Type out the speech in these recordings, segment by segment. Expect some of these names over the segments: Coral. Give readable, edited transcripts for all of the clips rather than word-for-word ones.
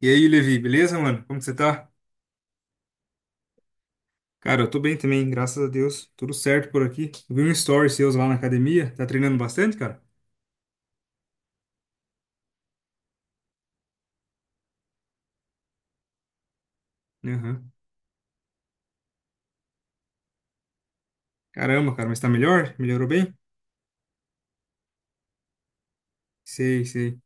E aí, Levi, beleza, mano? Como que você tá? Cara, eu tô bem também, graças a Deus. Tudo certo por aqui. Eu vi um story seus lá na academia. Tá treinando bastante, cara? Aham. Caramba, cara, mas tá melhor? Melhorou bem? Sei, sei.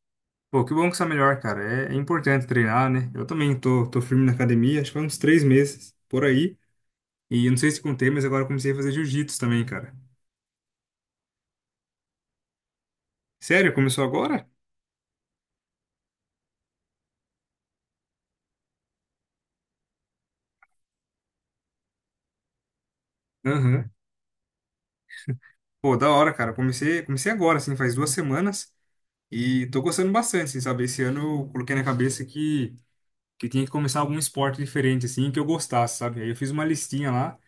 Pô, que bom que você tá melhor, cara. É importante treinar, né? Eu também tô firme na academia, acho que há uns 3 meses por aí. E eu não sei se contei, mas agora eu comecei a fazer jiu-jitsu também, cara. Sério? Começou agora? Aham. Pô, da hora, cara. Comecei agora, assim, faz 2 semanas. E tô gostando bastante, assim, sabe? Esse ano eu coloquei na cabeça que eu tinha que começar algum esporte diferente, assim, que eu gostasse, sabe? Aí eu fiz uma listinha lá,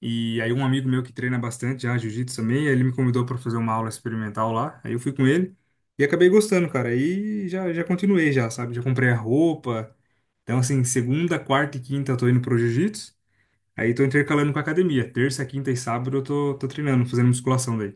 e aí um amigo meu que treina bastante já, jiu-jitsu também, aí ele me convidou para fazer uma aula experimental lá, aí eu fui com ele, e acabei gostando, cara, aí já continuei já, sabe? Já comprei a roupa, então assim, segunda, quarta e quinta eu tô indo pro jiu-jitsu, aí tô intercalando com a academia, terça, quinta e sábado eu tô treinando, fazendo musculação daí.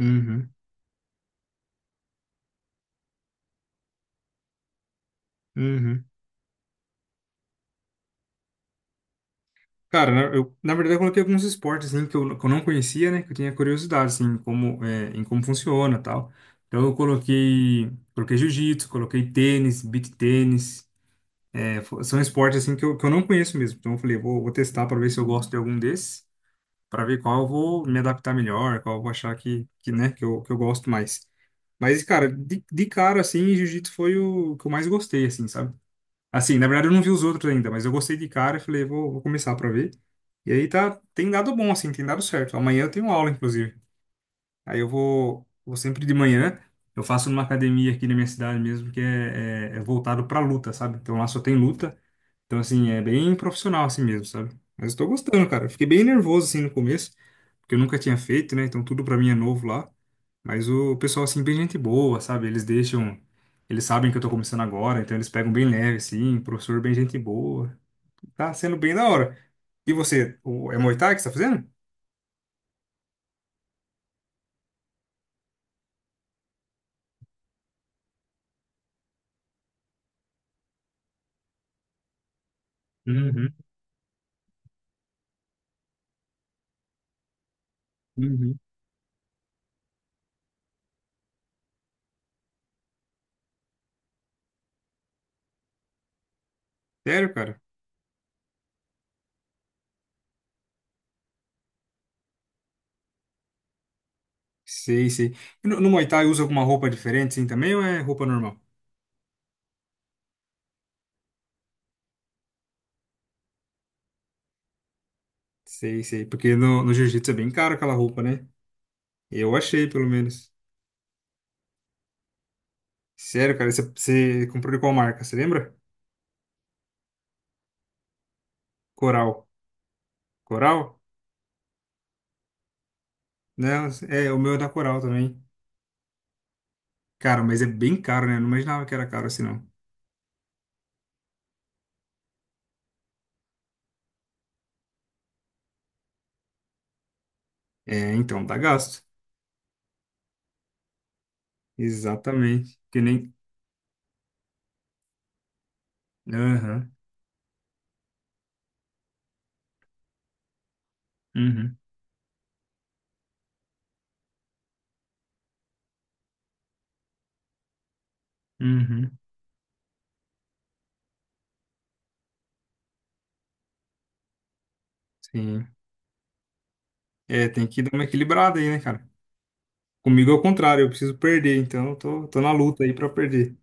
Uhum, uhum. Cara, eu, na verdade, eu coloquei alguns esportes assim, que eu não conhecia, né? Que eu tinha curiosidade, assim, em como funciona e tal. Então, eu coloquei jiu-jitsu, coloquei tênis, beach tênis. É, são esportes, assim, que eu não conheço mesmo. Então, eu falei, vou testar para ver se eu gosto de algum desses, para ver qual eu vou me adaptar melhor, qual eu vou achar que, né, que eu gosto mais. Mas, cara, de cara, assim, jiu-jitsu foi o que eu mais gostei, assim, sabe? Assim, na verdade eu não vi os outros ainda, mas eu gostei de cara e falei, vou começar pra ver. E aí tá, tem dado bom, assim, tem dado certo. Amanhã eu tenho aula, inclusive. Aí eu vou sempre de manhã. Eu faço numa academia aqui na minha cidade mesmo, que é voltado pra luta, sabe? Então lá só tem luta. Então, assim, é bem profissional assim mesmo, sabe? Mas eu tô gostando, cara. Eu fiquei bem nervoso, assim, no começo porque eu nunca tinha feito, né? Então tudo pra mim é novo lá. Mas o pessoal, assim, bem gente boa, sabe? Eles deixam. Eles sabem que eu tô começando agora, então eles pegam bem leve, assim. Professor, bem gente boa. Tá sendo bem da hora. E você, é Muay Thai que você tá fazendo? Uhum, uhum. Sério, cara? Sei, sei. E no Muay Thai usa alguma roupa diferente, assim, também, ou é roupa normal? Sei, sei. Porque no Jiu-Jitsu é bem caro aquela roupa, né? Eu achei, pelo menos. Sério, cara, você comprou de qual marca? Você lembra? Coral. Coral? Não, é, o meu é da Coral também. Cara, mas é bem caro, né? Eu não imaginava que era caro assim, não. É, então, dá gasto. Exatamente. Que nem. Aham. Uhum. Uhum. Sim. É, tem que dar uma equilibrada aí, né, cara? Comigo é o contrário, eu preciso perder, então eu tô, tô, na luta aí pra perder.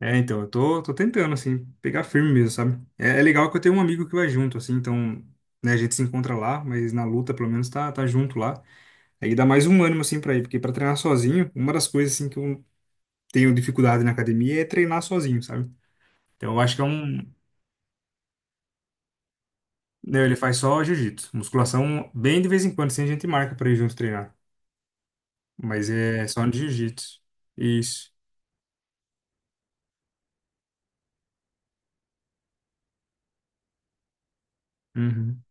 É, então, eu tô tentando, assim, pegar firme mesmo, sabe? É legal que eu tenho um amigo que vai junto, assim, então, né, a gente se encontra lá, mas na luta, pelo menos, tá junto lá. Aí dá mais um ânimo, assim, pra ir, porque pra treinar sozinho, uma das coisas, assim, que eu tenho dificuldade na academia é treinar sozinho, sabe? Então eu acho que é um. Não, ele faz só jiu-jitsu. Musculação, bem de vez em quando, assim, a gente marca pra ir junto treinar. Mas é só no jiu-jitsu. Isso. Uhum.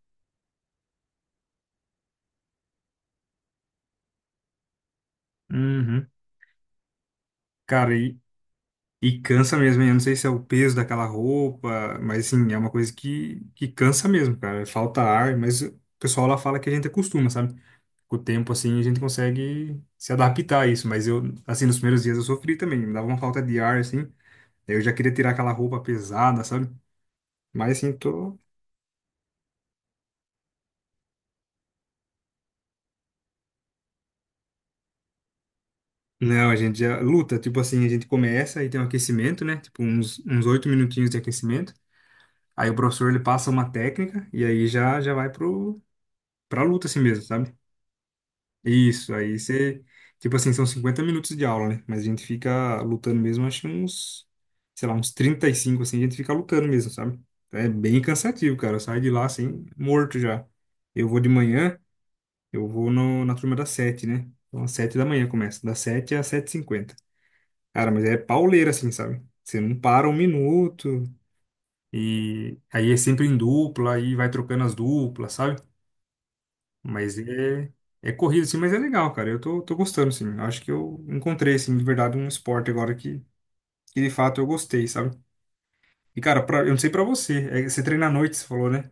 Uhum. Cara, e cansa mesmo, hein? Eu não sei se é o peso daquela roupa, mas assim, é uma coisa que cansa mesmo, cara. Falta ar, mas o pessoal lá fala que a gente acostuma, sabe? Com o tempo, assim, a gente consegue se adaptar a isso. Mas eu, assim, nos primeiros dias eu sofri também. Me dava uma falta de ar, assim. Eu já queria tirar aquela roupa pesada, sabe? Mas assim, tô. Não, a gente já luta. Tipo assim, a gente começa e tem um aquecimento, né? Tipo, uns 8 minutinhos de aquecimento. Aí o professor ele passa uma técnica e aí já vai pra luta assim mesmo, sabe? Isso, aí você. Tipo assim, são 50 minutos de aula, né? Mas a gente fica lutando mesmo, acho que uns. Sei lá, uns 35 assim, a gente fica lutando mesmo, sabe? É bem cansativo, cara. Eu saio de lá assim, morto já. Eu vou de manhã. Eu vou na turma das 7, né? Então, às 7 da manhã começa, das 7 às 7h50. Cara, mas é pauleira, assim, sabe? Você não para um minuto, e aí é sempre em dupla, aí vai trocando as duplas, sabe? Mas é corrido, assim, mas é legal, cara. Eu tô, gostando, assim. Eu acho que eu encontrei, assim, de verdade, um esporte agora que de fato eu gostei, sabe? E, cara, eu não sei pra você, você treina à noite, você falou, né?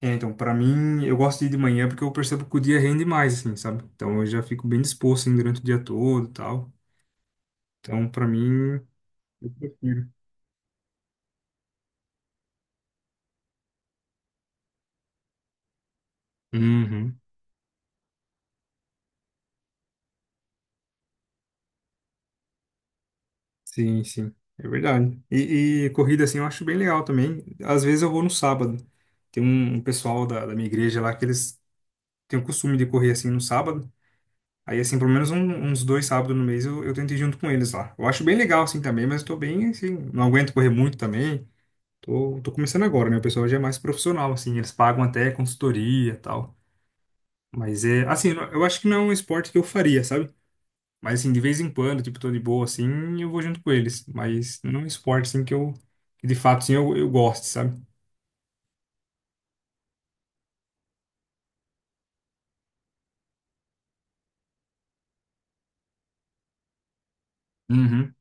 É, então, pra mim, eu gosto de ir de manhã porque eu percebo que o dia rende mais, assim, sabe? Então, eu já fico bem disposto, assim, durante o dia todo e tal. Então, pra mim, prefiro. Uhum. Sim, sim. É verdade. E corrida, assim, eu acho bem legal também. Às vezes eu vou no sábado. Tem um pessoal da minha igreja lá que eles têm o costume de correr, assim, no sábado. Aí, assim, pelo menos uns 2 sábados no mês eu tento ir junto com eles lá. Eu acho bem legal, assim, também, mas eu tô bem, assim, não aguento correr muito também. Tô começando agora, né? O pessoal já é mais profissional, assim, eles pagam até consultoria e tal. Mas é, assim, eu acho que não é um esporte que eu faria, sabe? Mas, assim, de vez em quando, tipo, tô de boa, assim, eu vou junto com eles. Mas não é um esporte, assim, que de fato, assim, eu gosto, sabe? Uhum.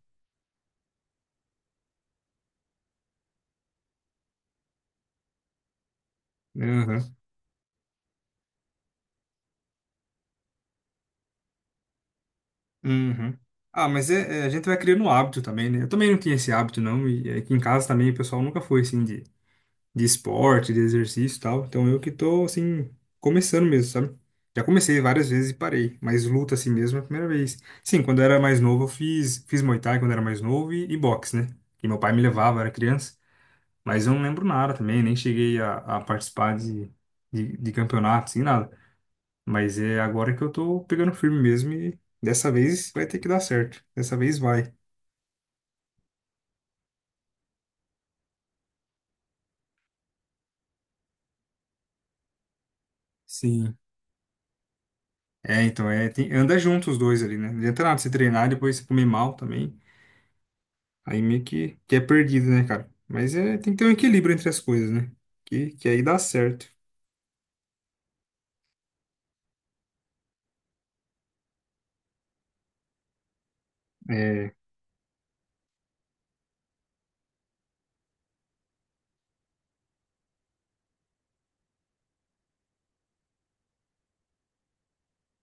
Uhum, uhum. Ah, mas é, a gente vai criando um hábito também, né? Eu também não tinha esse hábito, não. E aqui em casa também o pessoal nunca foi, assim, de esporte, de exercício e tal. Então eu que tô, assim, começando mesmo, sabe? Já comecei várias vezes e parei, mas luta assim mesmo é a primeira vez. Sim, quando eu era mais novo eu fiz Muay Thai quando eu era mais novo e boxe, né? Que meu pai me levava, eu era criança, mas eu não lembro nada também, nem cheguei a participar de campeonato, assim, nada. Mas é agora que eu tô pegando firme mesmo e dessa vez vai ter que dar certo. Dessa vez vai. Sim. É, então, anda junto os dois ali, né? Não adianta nada você treinar e depois você comer mal também. Aí meio que é perdido, né, cara? Mas é, tem que ter um equilíbrio entre as coisas, né? Que aí dá certo. É.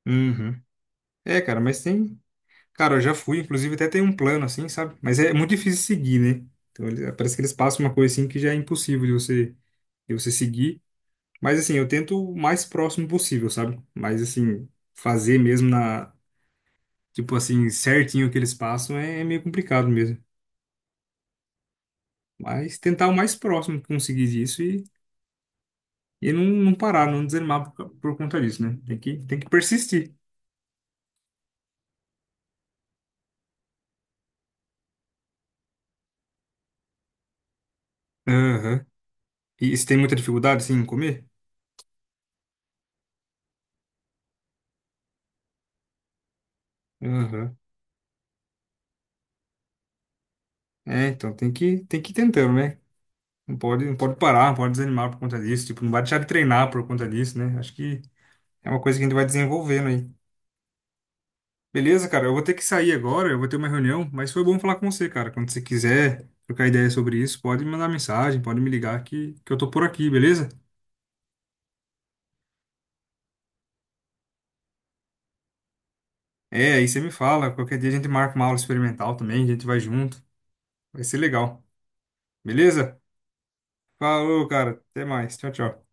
Uhum. É, cara, mas tem. Cara, eu já fui, inclusive até tem um plano assim, sabe? Mas é muito difícil seguir, né? Então parece que eles passam uma coisa assim que já é impossível de você, seguir. Mas assim, eu tento o mais próximo possível, sabe? Mas assim, fazer mesmo na. Tipo assim, certinho o que eles passam é meio complicado mesmo. Mas tentar o mais próximo que conseguir disso. E não parar, não desanimar por conta disso, né? Tem que persistir. Aham. E se tem muita dificuldade, assim, em comer? Aham. É, então tem que ir tentando, né? Não pode parar, não pode desanimar por conta disso. Tipo, não vai deixar de treinar por conta disso, né? Acho que é uma coisa que a gente vai desenvolvendo aí. Beleza, cara? Eu vou ter que sair agora, eu vou ter uma reunião, mas foi bom falar com você, cara. Quando você quiser trocar ideia sobre isso, pode me mandar mensagem, pode me ligar que eu tô por aqui, beleza? É, aí você me fala. Qualquer dia a gente marca uma aula experimental também, a gente vai junto. Vai ser legal. Beleza? Falou, cara. Até mais. Tchau, tchau.